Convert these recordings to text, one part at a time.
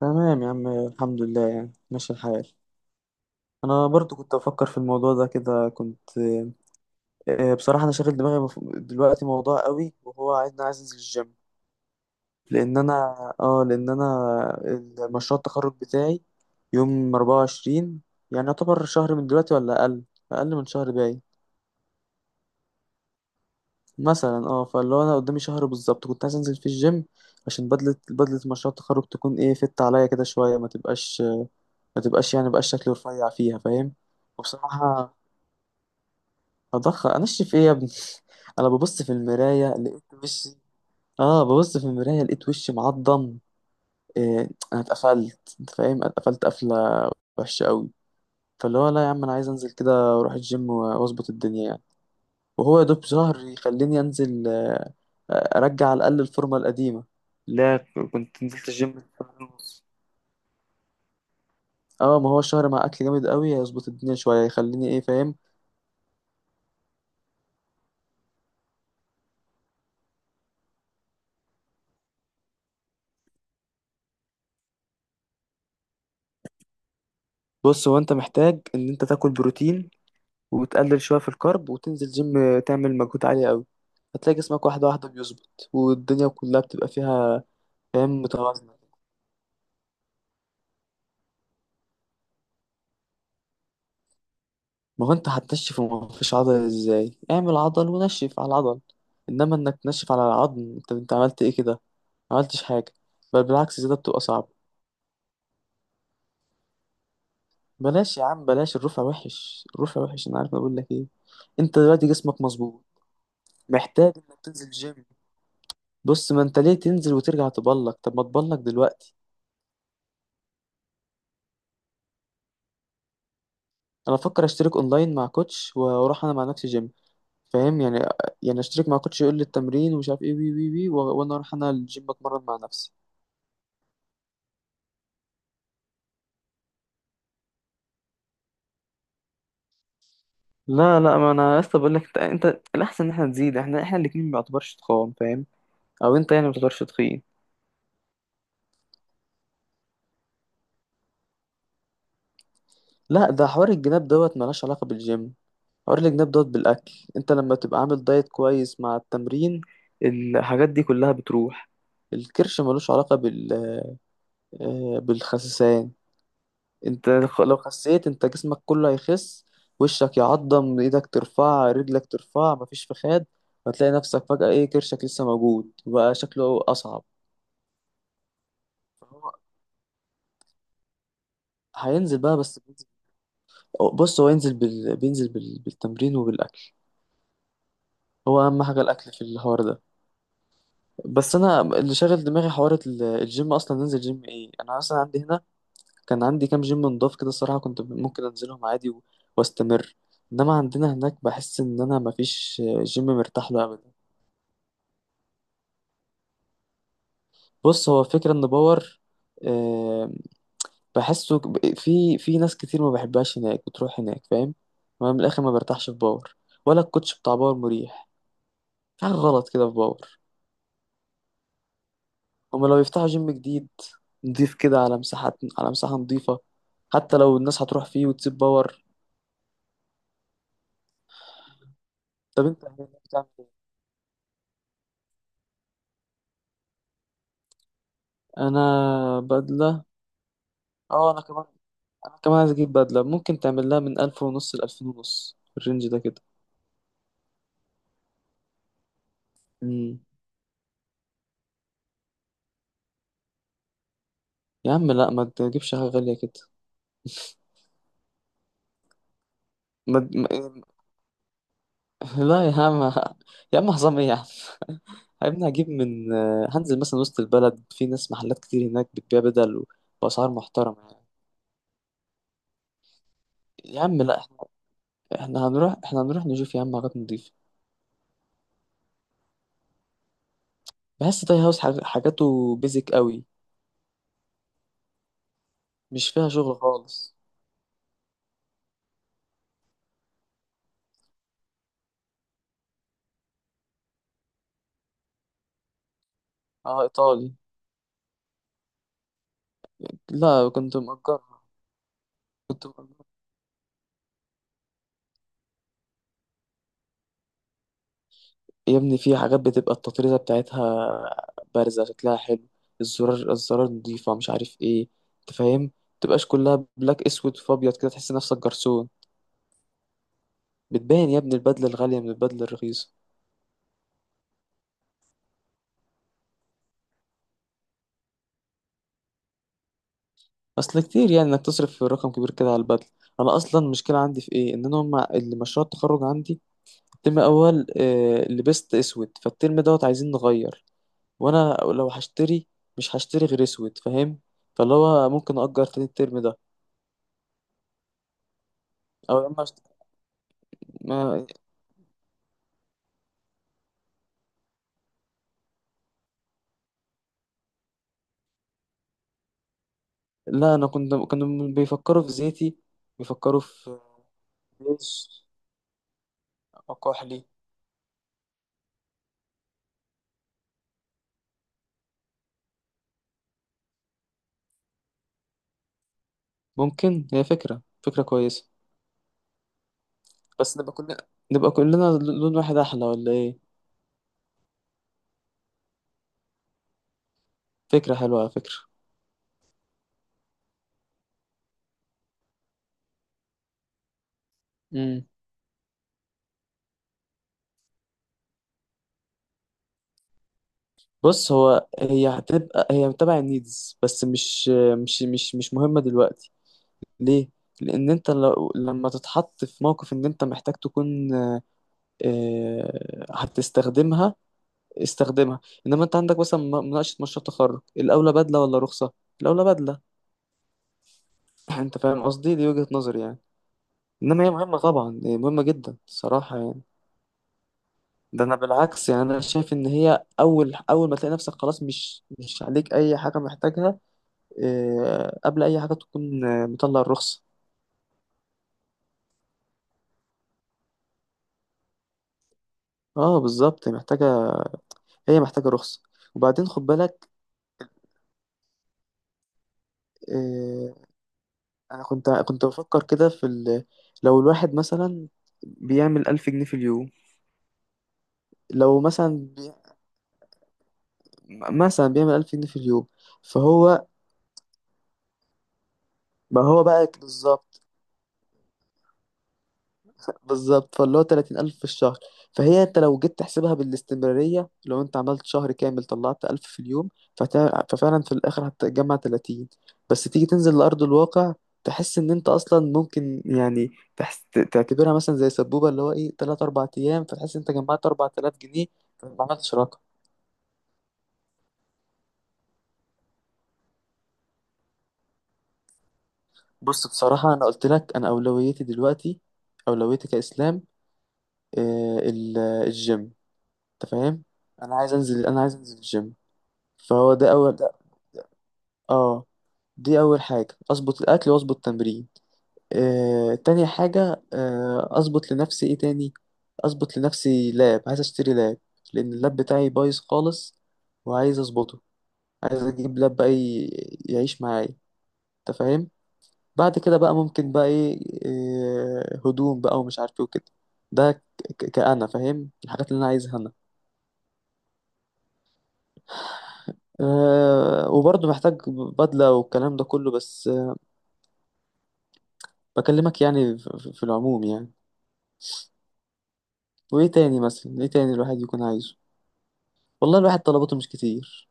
تمام يا عم، الحمد لله، يعني ماشي الحال. انا برضو كنت افكر في الموضوع ده كده كنت آه، بصراحه انا شاغل دماغي دلوقتي موضوع قوي، وهو عايز انا عايز انزل الجيم، لان انا اه لان انا مشروع التخرج بتاعي يوم 24، يعني يعتبر شهر من دلوقتي ولا اقل، اقل من شهر باقي. مثلا فاللي هو انا قدامي شهر بالظبط، كنت عايز انزل في الجيم عشان بدله مشروع التخرج تكون ايه، فت عليا كده شويه، ما تبقاش يعني بقاش شكلي رفيع فيها، فاهم؟ وبصراحه انشف ايه يا ابني؟ انا ببص في المرايه لقيت وشي اه ببص في المرايه لقيت وشي معضم. إيه، انا اتقفلت، انت فاهم، اتقفلت قفله وحشه قوي. فاللي هو لا يا عم، انا عايز انزل كده، اروح الجيم واظبط الدنيا يعني، وهو يا دوب شهر يخليني انزل، ارجع على الاقل الفورمه القديمه. لا، كنت نزلت الجيم شهر ونص. اه، ما هو الشهر مع اكل جامد قوي هيظبط الدنيا شويه، يخليني ايه، فاهم؟ بص، هو انت محتاج ان انت تاكل بروتين، وتقلل شوية في الكارب، وتنزل جيم تعمل مجهود عالي قوي، هتلاقي جسمك واحدة واحدة بيظبط، والدنيا كلها بتبقى فيها، فاهم؟ متوازنة. ما هو انت هتنشف وما فيش عضل، ازاي اعمل عضل، ونشف على العضل؟ انما انك تنشف على العظم، انت عملت ايه كده؟ ما عملتش حاجة، بل بالعكس، زيادة بتبقى صعبة. بلاش يا عم بلاش، الرفع وحش، الرفع وحش، انا عارف أنا بقول لك ايه، انت دلوقتي جسمك مظبوط، محتاج انك تنزل جيم. بص، ما انت ليه تنزل وترجع تبلك؟ طب ما تبلك دلوقتي. انا بفكر اشترك اونلاين مع كوتش، واروح انا مع نفسي جيم، فاهم يعني؟ يعني اشترك مع كوتش يقول لي التمرين ومش عارف ايه، وانا اروح انا الجيم اتمرن مع نفسي. لا لا، ما انا لسه بقول لك، انت الاحسن ان احنا نزيد، احنا الاتنين ما بنعتبرش تخان، فاهم؟ او انت يعني ما بتعتبرش تخين. لا، ده حوار الجناب دوت ملهاش علاقة بالجيم، حوار الجناب دوت بالاكل، انت لما تبقى عامل دايت كويس مع التمرين، الحاجات دي كلها بتروح. الكرش ملوش علاقة بالخسسان. انت لو خسيت، انت جسمك كله هيخس، وشك يعضم، ايدك ترفع، رجلك ترفع، مفيش فخاد، هتلاقي نفسك فجأة ايه، كرشك لسه موجود وبقى شكله أصعب. فهو هينزل بقى، بس بينزل. بص، هو ينزل بالتمرين وبالأكل. هو أهم حاجة الأكل في الحوار ده، بس أنا اللي شاغل دماغي حوار الجيم، أصلا ننزل جيم إيه، أنا أصلا عندي هنا كان عندي كام جيم نضاف كده، الصراحة كنت ممكن أنزلهم عادي واستمر، انما عندنا هناك بحس ان انا مفيش جيم مرتاح له ابدا. بص، هو فكرة ان باور، آه، بحسه في ناس كتير ما بحبهاش هناك بتروح هناك، فاهم؟ ما من الاخر ما برتاحش في باور، ولا الكوتش بتاع باور مريح، في حاجة غلط كده في باور. هما لو يفتحوا جيم جديد نضيف كده، على مساحات، على مساحة نضيفة، حتى لو الناس هتروح فيه وتسيب باور. طب انت هناك بتعمل ايه؟ انا بدلة. اه انا كمان انا كمان عايز اجيب بدلة ممكن تعمل لها من الف ونص لالفين ونص الرينج ده كده. مم. يا عم لا، ما تجيبش حاجة غالية كده. ما لا يا عم، يا عم حظام ايه يا عم؟ يا ابني هجيب من، هنزل مثلا وسط البلد في ناس محلات كتير هناك بتبيع بدل واسعار محترمه يعني. يا عم لا، احنا، احنا هنروح نشوف يا عم حاجات نضيفه. بحس تاي هاوس حاجاته بيزك قوي، مش فيها شغل خالص. اه، ايطالي. لا، كنت مأجر. كنت مأجر يا ابني، في حاجات بتبقى التطريزه بتاعتها بارزه شكلها حلو، الزرار، الزرار نضيفه، مش عارف ايه، انت فاهم؟ متبقاش كلها بلاك، اسود فابيض كده تحس نفسك جرسون، بتبان يا ابني البدلة الغالية من البدلة الرخيصة. أصل كتير يعني إنك تصرف في رقم كبير كده على البدلة. أنا أصلا المشكلة عندي في إيه، إن أنا هما اللي مشروع التخرج عندي الترم الأول لبست أسود، فالترم دوت عايزين نغير، وأنا لو هشتري مش هشتري غير أسود، فاهم؟ فاللي هو ممكن أجر تاني الترم ده، أو يا إما أشت... ما... لا أنا كنت كانوا بيفكروا في زيتي، بيفكروا في بيج أو كحلي. ممكن هي فكرة، فكرة كويسة، بس نبقى كلنا لون واحد احلى ولا ايه؟ فكرة حلوة على فكرة. امم بص، هو هي هتبقى هي تبع النيدز، بس مش مهمة دلوقتي. ليه؟ لأن أنت لما تتحط في موقف إن أنت محتاج تكون، هتستخدمها، استخدمها. إنما أنت عندك مثلا مناقشة مشروع تخرج، الأولى بدلة ولا رخصة؟ الأولى بدلة. أنت فاهم قصدي؟ دي وجهة نظري يعني، إنما هي مهمة طبعا، هي مهمة جدا الصراحة يعني. ده انا بالعكس يعني، انا شايف ان هي اول اول ما تلاقي نفسك خلاص، مش عليك اي حاجه محتاجها، قبل اي حاجه تكون مطلع الرخصه. اه بالظبط محتاجه، هي محتاجه رخصه. وبعدين خد بالك، آه، انا كنت بفكر كده لو الواحد مثلا بيعمل 1000 جنيه في اليوم، لو مثلا بي... مثلا بيعمل ألف جنيه في اليوم. فهو، ما هو بقى بالظبط، بالظبط فاللي هو 30000 في الشهر، فهي انت لو جيت تحسبها بالاستمرارية، لو انت عملت شهر كامل طلعت 1000 في اليوم، ففعلا في الآخر هتجمع 30. بس تيجي تنزل لأرض الواقع، تحس ان انت اصلا ممكن يعني، تحس تعتبرها مثلا زي سبوبة اللي هو ايه، 3 4 ايام، فتحس انت جمعت 4000 جنيه، فما عملتش رقم. بصراحة انا قلت لك، انا اولويتي دلوقتي، اولويتي كإسلام، الجيم، انت فاهم؟ انا عايز انزل الجيم، فهو ده اول اه دي أول حاجة، أظبط الأكل وأظبط التمرين. تاني حاجة أظبط لنفسي إيه تاني، أظبط لنفسي لاب، عايز أشتري لاب، لأن اللاب بتاعي بايظ خالص وعايز أظبطه، عايز أجيب لاب بقى يعيش معايا، أنت فاهم؟ بعد كده بقى ممكن بقى إيه، هدوم بقى ومش عارف إيه وكده، ده كأنا فاهم الحاجات اللي أنا عايزها أنا. أه وبرضه محتاج بدلة والكلام ده كله، بس بكلمك يعني في العموم يعني. وايه تاني مثلا ايه تاني الواحد يكون عايزه؟ والله الواحد طلباته مش كتير.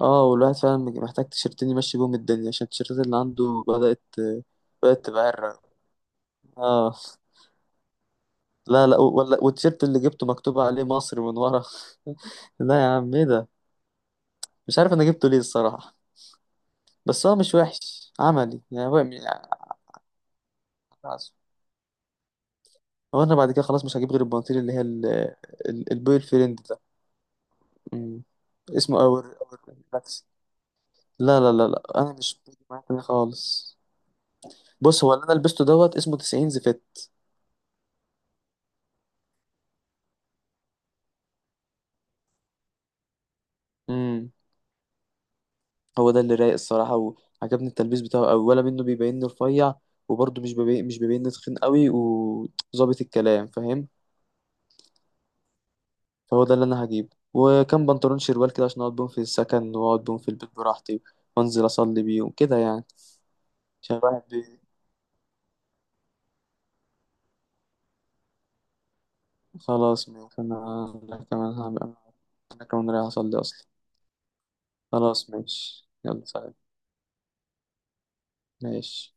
اه، والواحد فعلا محتاج تيشيرتين يمشي بيهم الدنيا، عشان التيشيرتات اللي عنده بدأت، بدأت تبقى عرة. اه، لا لا ولا، والتيشيرت اللي جبته مكتوب عليه مصر من ورا. لا يا عم ايه ده، مش عارف انا جبته ليه الصراحة، بس هو مش وحش عملي يعني، هو يعني، خلاص، هو انا بعد كده خلاص مش هجيب غير البناطيل اللي هي البوي فريند ده. مم. اسمه اور اور. لا لا لا لا، انا مش بيجي معايا كده خالص. بص، هو اللي انا لبسته دوت اسمه 90 زفت. امم هو ده اللي رايق الصراحه، وعجبني التلبيس بتاعه قوي ولا منه، بيبيني رفيع وبرضه مش بيبيني تخين قوي وظابط الكلام، فاهم؟ فهو ده اللي انا هجيبه، وكم بنطلون شروال كده عشان اقعد بيهم في السكن واقعد بيهم في البيت براحتي، وانزل اصلي بيهم كده يعني. عشان الواحد. خلاص ماشي انا، أنا كمان هعمل انا كمان رايح اصلي اصلا. خلاص ماشي يلا سلام. ماشي.